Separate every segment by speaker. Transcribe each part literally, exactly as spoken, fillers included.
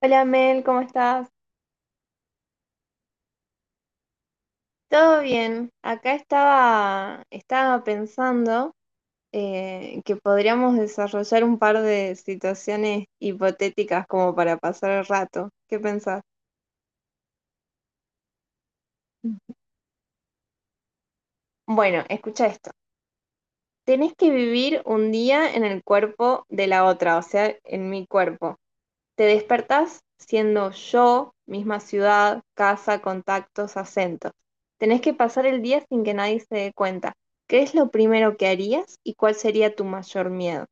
Speaker 1: Hola Mel, ¿cómo estás? ¿Todo bien? Acá estaba, estaba pensando eh, que podríamos desarrollar un par de situaciones hipotéticas como para pasar el rato. ¿Qué pensás? Bueno, escucha esto. Tenés que vivir un día en el cuerpo de la otra, o sea, en mi cuerpo. Te despertás siendo yo, misma ciudad, casa, contactos, acentos. Tenés que pasar el día sin que nadie se dé cuenta. ¿Qué es lo primero que harías y cuál sería tu mayor miedo?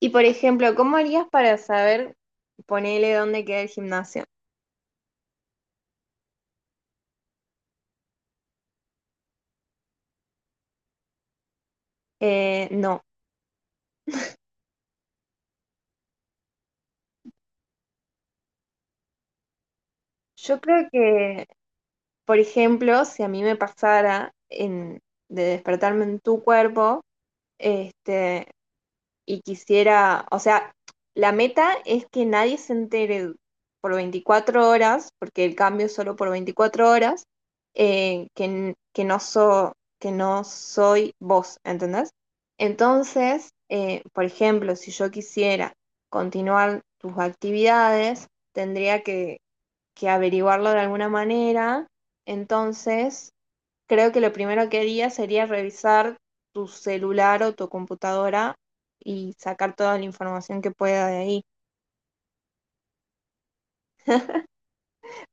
Speaker 1: Y por ejemplo, ¿cómo harías para saber, ponele dónde queda el gimnasio? Eh, no, yo creo que, por ejemplo, si a mí me pasara en- de despertarme en tu cuerpo, este, y quisiera, o sea, la meta es que nadie se entere por veinticuatro horas, porque el cambio es solo por veinticuatro horas, eh, que, n- que, no so- que no soy vos, ¿entendés? Entonces, eh, por ejemplo, si yo quisiera continuar tus actividades, tendría que, que averiguarlo de alguna manera. Entonces, creo que lo primero que haría sería revisar tu celular o tu computadora y sacar toda la información que pueda de ahí.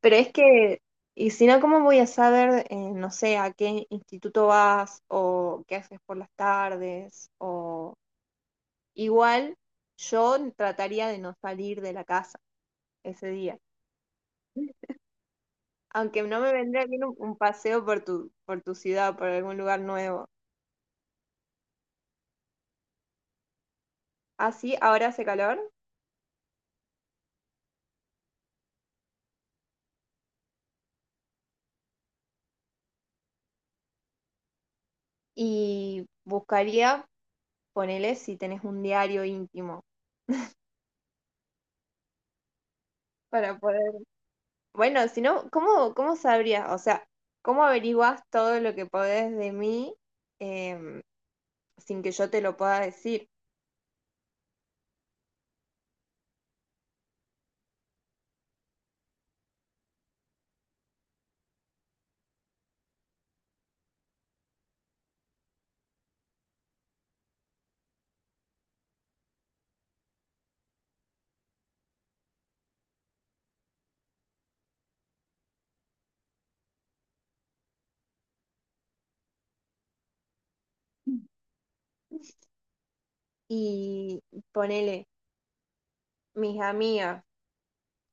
Speaker 1: Pero es que, y si no, ¿cómo voy a saber, eh, no sé, a qué instituto vas o qué haces por las tardes? O igual, yo trataría de no salir de la casa ese día. Aunque no me vendría bien un, un paseo por tu, por tu ciudad, por algún lugar nuevo. Así, ahora hace calor y buscaría ponele si tenés un diario íntimo para poder. Bueno, si no, ¿cómo, ¿cómo sabrías? O sea, ¿cómo averiguás todo lo que podés de mí em, sin que yo te lo pueda decir? Y ponele, mis amigas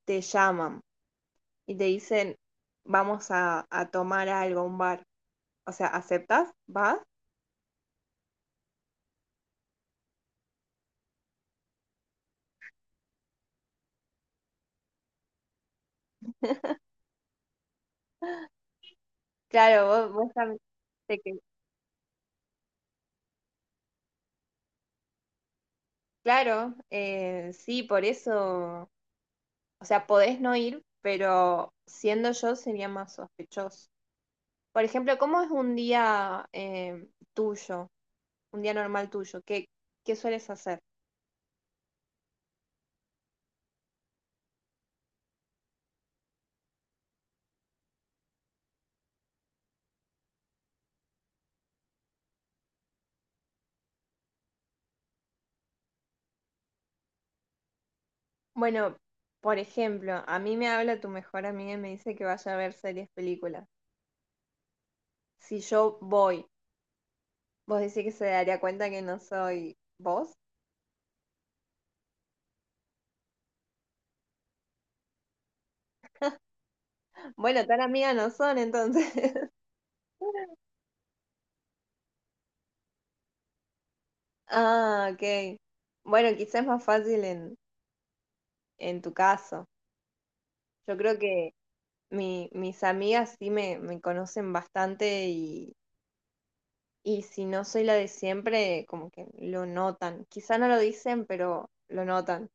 Speaker 1: te llaman y te dicen, vamos a, a tomar algo, a un bar. O sea, ¿aceptas? ¿Vas? Claro, vos, vos también. te que- Claro, eh, sí, por eso. O sea, podés no ir, pero siendo yo sería más sospechoso. Por ejemplo, ¿cómo es un día eh, tuyo, un día normal tuyo? ¿Qué, ¿qué sueles hacer? Bueno, por ejemplo, a mí me habla tu mejor amiga y me dice que vaya a ver series, películas. Si yo voy, vos decís que se daría cuenta que no soy vos. Bueno, tan amiga no son entonces. Ah, ok. Bueno, quizás es más fácil en, en tu caso. Yo creo que mi- mis amigas sí me, me conocen bastante y, y si no soy la de siempre, como que lo notan. Quizá no lo dicen, pero lo notan.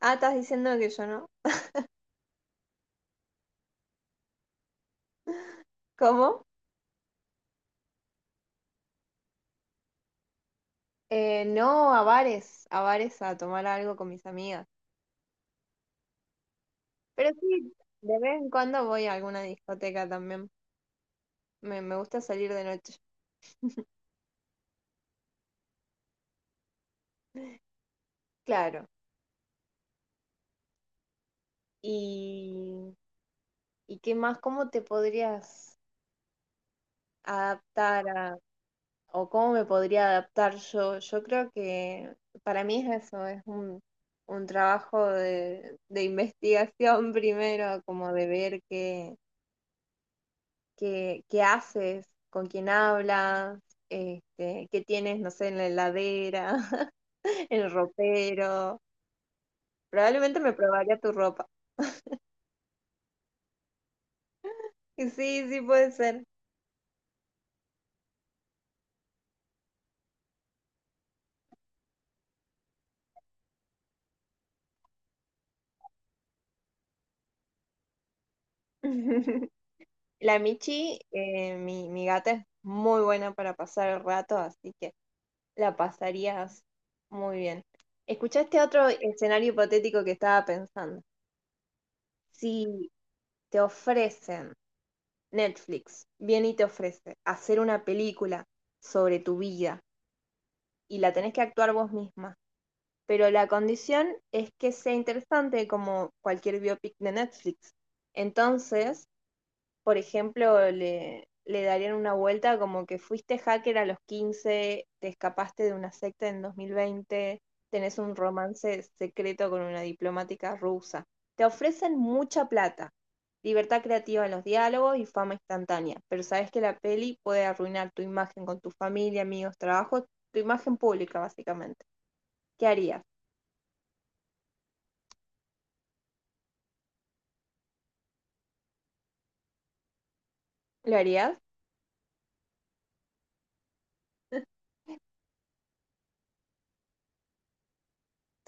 Speaker 1: Ah, ¿estás diciendo que yo no? ¿Cómo? Eh, no, a bares, a bares a tomar algo con mis amigas. Pero sí, de vez en cuando voy a alguna discoteca también. Me, me gusta salir de noche. Claro. ¿Y, y qué más? ¿Cómo te podrías adaptar o cómo me podría adaptar yo? Yo creo que para mí es eso, es un, un trabajo de, de investigación primero, como de ver qué, qué, qué haces, con quién hablas, este, qué tienes, no sé, en la heladera, en el ropero. Probablemente me probaría tu ropa. Y sí, sí puede ser. La Michi, eh, mi, mi gata es muy buena para pasar el rato, así que la pasarías muy bien. Escuchá este otro escenario hipotético que estaba pensando. Si te ofrecen, Netflix viene y te ofrece hacer una película sobre tu vida y la tenés que actuar vos misma, pero la condición es que sea interesante como cualquier biopic de Netflix. Entonces, por ejemplo, le, le darían una vuelta como que fuiste hacker a los quince, te escapaste de una secta en dos mil veinte, tenés un romance secreto con una diplomática rusa. Te ofrecen mucha plata, libertad creativa en los diálogos y fama instantánea, pero sabes que la peli puede arruinar tu imagen con tu familia, amigos, trabajo, tu imagen pública básicamente. ¿Qué harías? ¿Lo harías?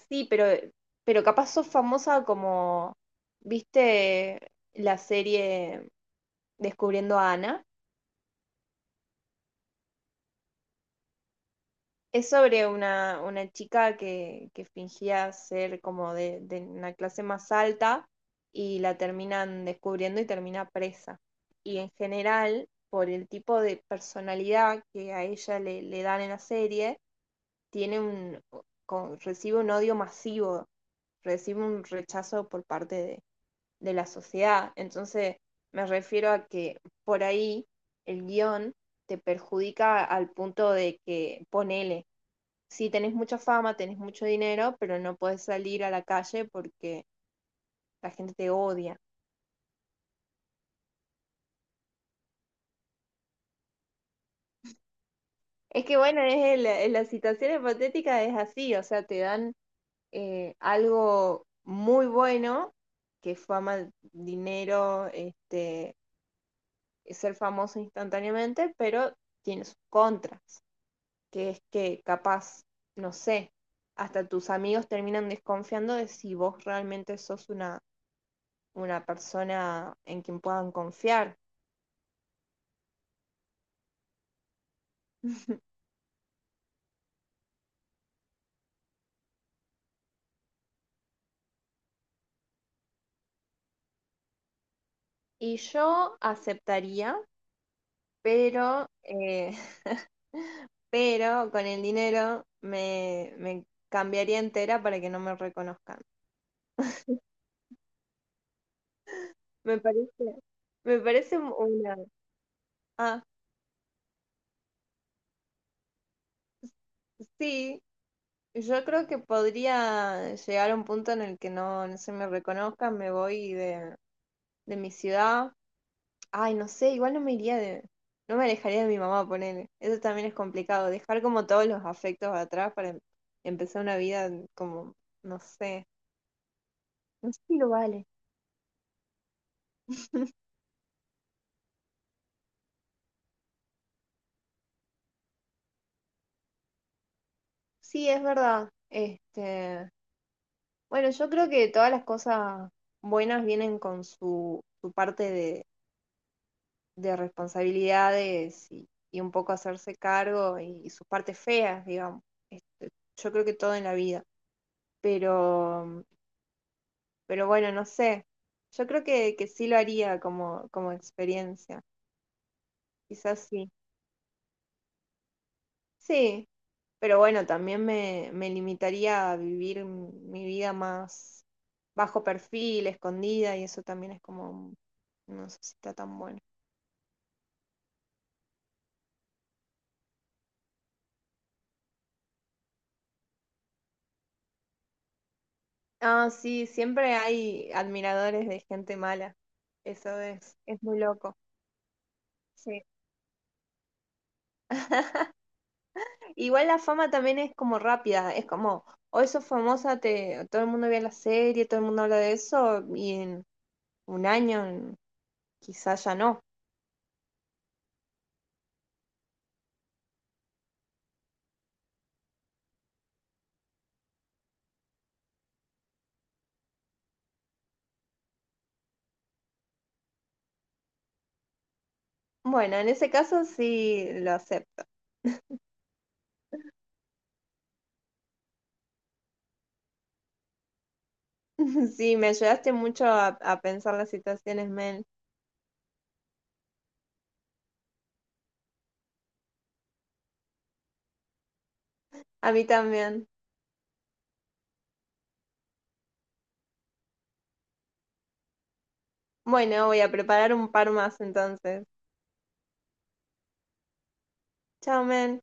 Speaker 1: Sí, pero, pero capaz sos famosa como, ¿viste la serie Descubriendo a Ana? Es sobre una, una chica que, que fingía ser como de, de una clase más alta y la terminan descubriendo y termina presa. Y en general, por el tipo de personalidad que a ella le, le dan en la serie, tiene un, con- recibe un odio masivo, recibe un rechazo por parte de de la sociedad. Entonces, me refiero a que por ahí el guión te perjudica al punto de que, ponele, si sí, tenés mucha fama, tenés mucho dinero, pero no puedes salir a la calle porque la gente te odia. Es que bueno, es el- en las situaciones patéticas es así, o sea, te dan eh, algo muy bueno, que es fama, dinero, este, ser famoso instantáneamente, pero tiene sus contras, que es que capaz, no sé, hasta tus amigos terminan desconfiando de si vos realmente sos una, una persona en quien puedan confiar. Y yo aceptaría, pero, eh, pero con el dinero me, me cambiaría entera para que no me reconozcan. Me parece, me parece un- una... Ah, sí, yo creo que podría llegar a un punto en el que no, no se me reconozcan, me voy de, de mi ciudad. Ay, no sé, igual no me iría de. No me alejaría de mi mamá, ponele. Eso también es complicado. Dejar como todos los afectos atrás para em- empezar una vida como, no sé. No sé si lo vale. Sí, es verdad. Este, bueno, yo creo que todas las cosas buenas vienen con su, su parte de, de responsabilidades y, y un poco hacerse cargo y, y sus partes feas, digamos. Este, yo creo que todo en la vida. Pero Pero bueno, no sé. Yo creo que, que sí lo haría como, como experiencia. Quizás sí. Sí, pero bueno, también me, me limitaría a vivir m- mi vida más bajo perfil, escondida, y eso también es como, no sé si está tan bueno. Ah, sí, siempre hay admiradores de gente mala. Eso es, es muy loco. Sí. Igual la fama también es como rápida, es como, hoy sos famosa, te, todo el mundo ve la serie, todo el mundo habla de eso, y en un año, quizás ya no. Bueno, en ese caso sí lo acepto. Sí, me ayudaste mucho a, a pensar las situaciones, men. A mí también. Bueno, voy a preparar un par más entonces. Chao, men.